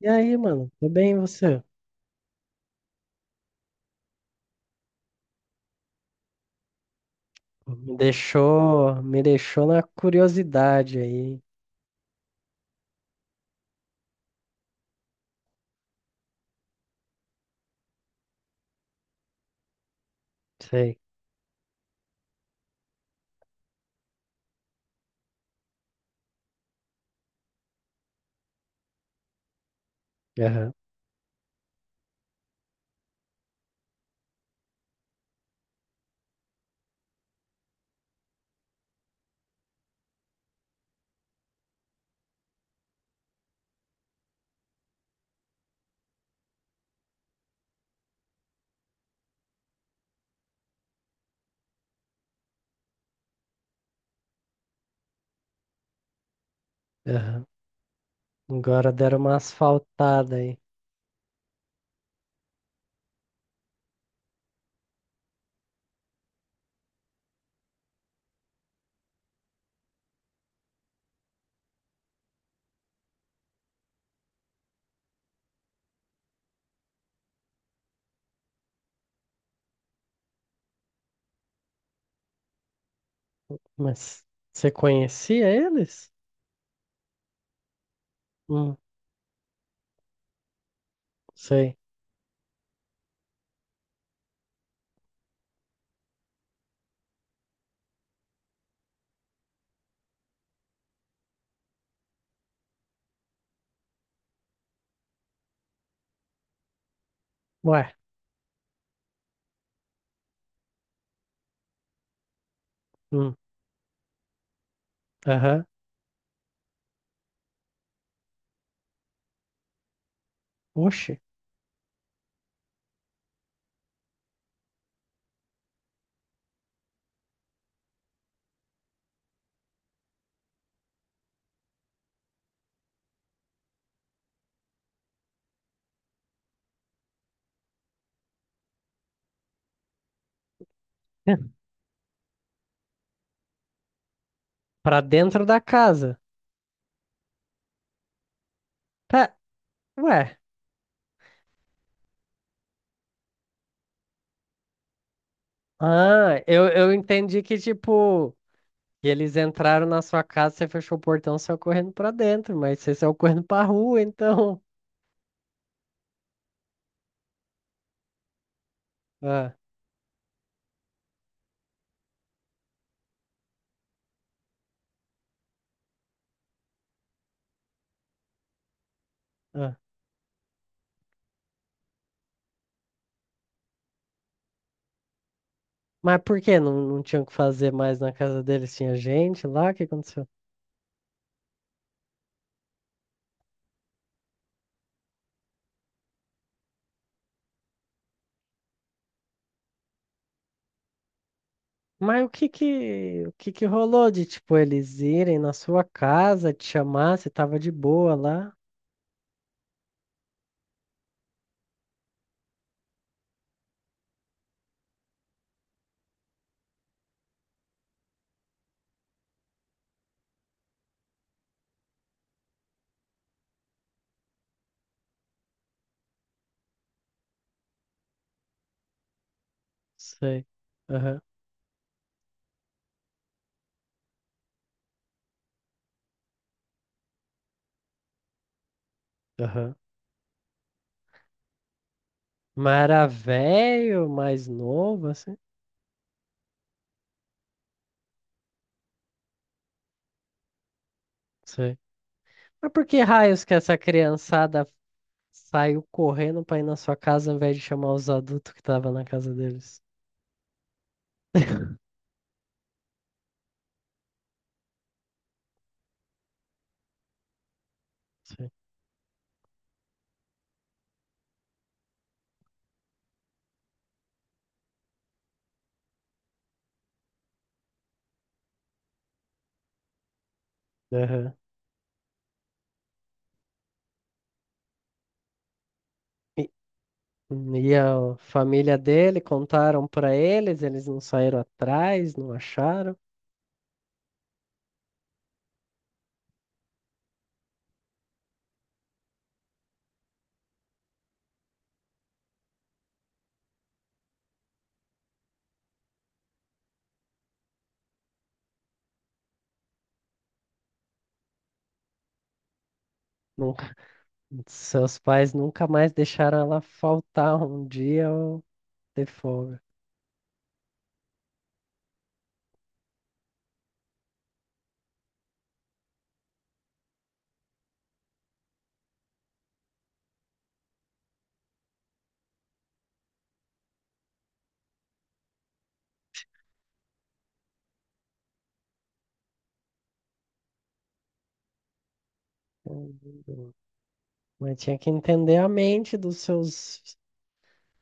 E aí, mano? Tudo bem, e você? Me deixou na curiosidade aí. Sei. Aham, aham. Agora deram uma asfaltada aí. Mas você conhecia eles? Hum, sei. Ué, hum, aham. Oxi. Pra dentro da casa. Pé, ué. Ah, eu entendi que, tipo, que eles entraram na sua casa, você fechou o portão, saiu correndo pra dentro, mas você saiu correndo pra rua, então. Ah, ah. Mas por que não tinham que fazer mais na casa deles? Tinha gente lá? O que aconteceu? Mas o que que rolou de, tipo, eles irem na sua casa, te chamar, você tava de boa lá? Sei. Aham, aham. Mas era velho, mais novo, assim? Sei. Mas por que raios que essa criançada saiu correndo pra ir na sua casa ao invés de chamar os adultos que tava na casa deles? Sei. Aham. E E a família dele contaram pra eles, eles não saíram atrás, não acharam. Nunca, seus pais nunca mais deixaram ela faltar um dia ou ter folga. Mas tinha que entender a mente dos seus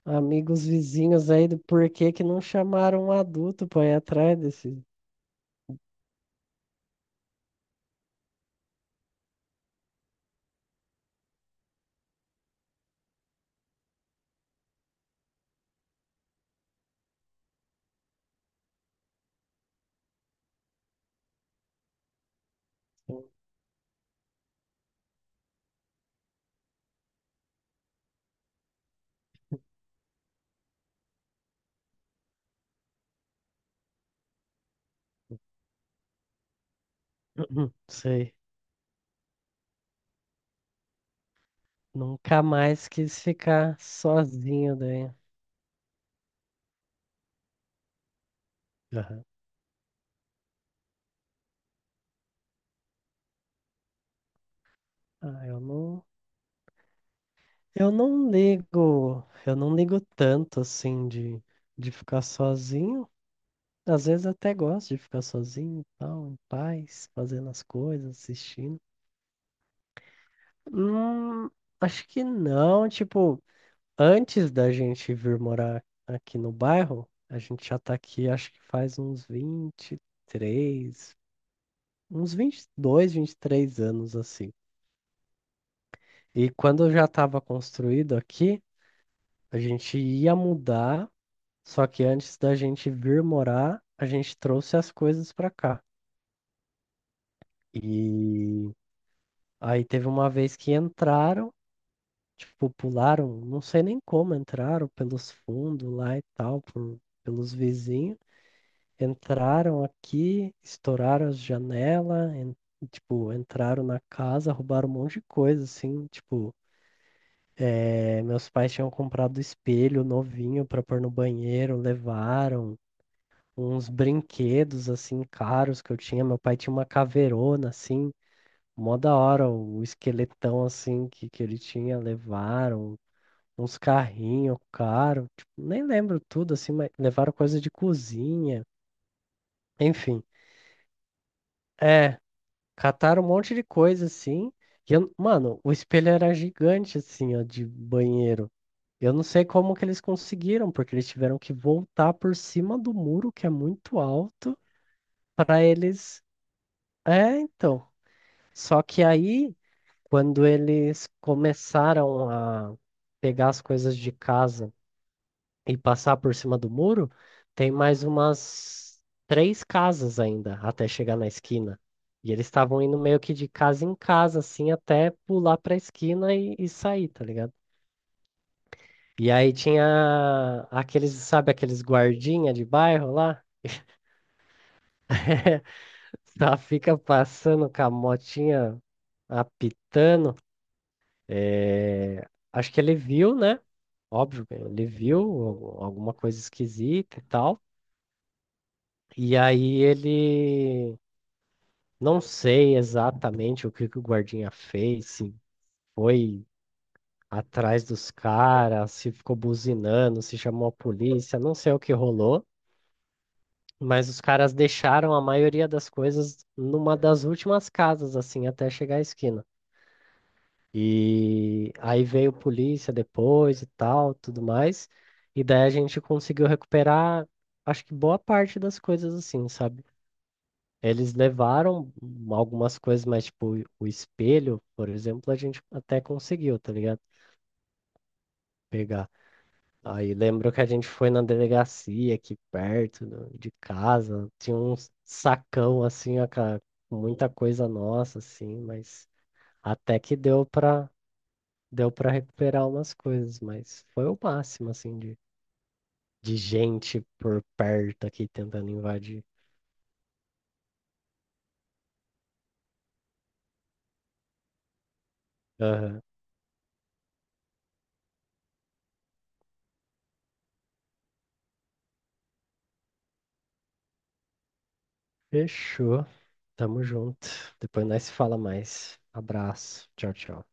amigos vizinhos aí do porquê que não chamaram um adulto pra ir atrás desse. Sei. Nunca mais quis ficar sozinho daí. Aham. Ah, eu não. Eu não ligo tanto assim de ficar sozinho. Às vezes até gosto de ficar sozinho e tal, em paz, fazendo as coisas, assistindo. Hum, Acho que não, tipo, antes da gente vir morar aqui no bairro, a gente já tá aqui, acho que faz uns vinte, e três, uns vinte, vinte dois, 23 anos assim. E quando já estava construído aqui, a gente ia mudar. Só que antes da gente vir morar, a gente trouxe as coisas pra cá. E aí teve uma vez que entraram, tipo, pularam, não sei nem como entraram, pelos fundos lá e tal, pelos vizinhos. Entraram aqui, estouraram as janelas, tipo, entraram na casa, roubaram um monte de coisa, assim, tipo, meus pais tinham comprado espelho novinho pra pôr no banheiro, levaram uns brinquedos assim caros que eu tinha. Meu pai tinha uma caveirona assim, mó da hora, o esqueletão assim que ele tinha, levaram uns carrinhos caros, tipo, nem lembro tudo assim, mas levaram coisa de cozinha, enfim. É, cataram um monte de coisa assim. E mano, o espelho era gigante assim, ó, de banheiro. Eu não sei como que eles conseguiram, porque eles tiveram que voltar por cima do muro, que é muito alto, para eles é, então, só que aí, quando eles começaram a pegar as coisas de casa e passar por cima do muro, tem mais umas três casas ainda até chegar na esquina. E eles estavam indo meio que de casa em casa, assim, até pular pra esquina e sair, tá ligado? E aí tinha aqueles, sabe, aqueles guardinha de bairro lá? Tá, fica passando com a motinha apitando. É, acho que ele viu, né? Óbvio, ele viu alguma coisa esquisita e tal. E aí ele não sei exatamente o que que o guardinha fez, se foi atrás dos caras, se ficou buzinando, se chamou a polícia, não sei o que rolou, mas os caras deixaram a maioria das coisas numa das últimas casas, assim, até chegar à esquina. E aí veio polícia depois e tal, tudo mais. E daí a gente conseguiu recuperar, acho que boa parte das coisas assim, sabe? Eles levaram algumas coisas, mas tipo, o espelho, por exemplo, a gente até conseguiu, tá ligado? Pegar. Aí lembro que a gente foi na delegacia aqui perto de casa, tinha um sacão assim, ó, com muita coisa nossa, assim, mas até que Deu para recuperar umas coisas, mas foi o máximo, assim, de gente por perto aqui tentando invadir. Aham. Fechou. Tamo junto. Depois nós se fala mais. Abraço. Tchau, tchau.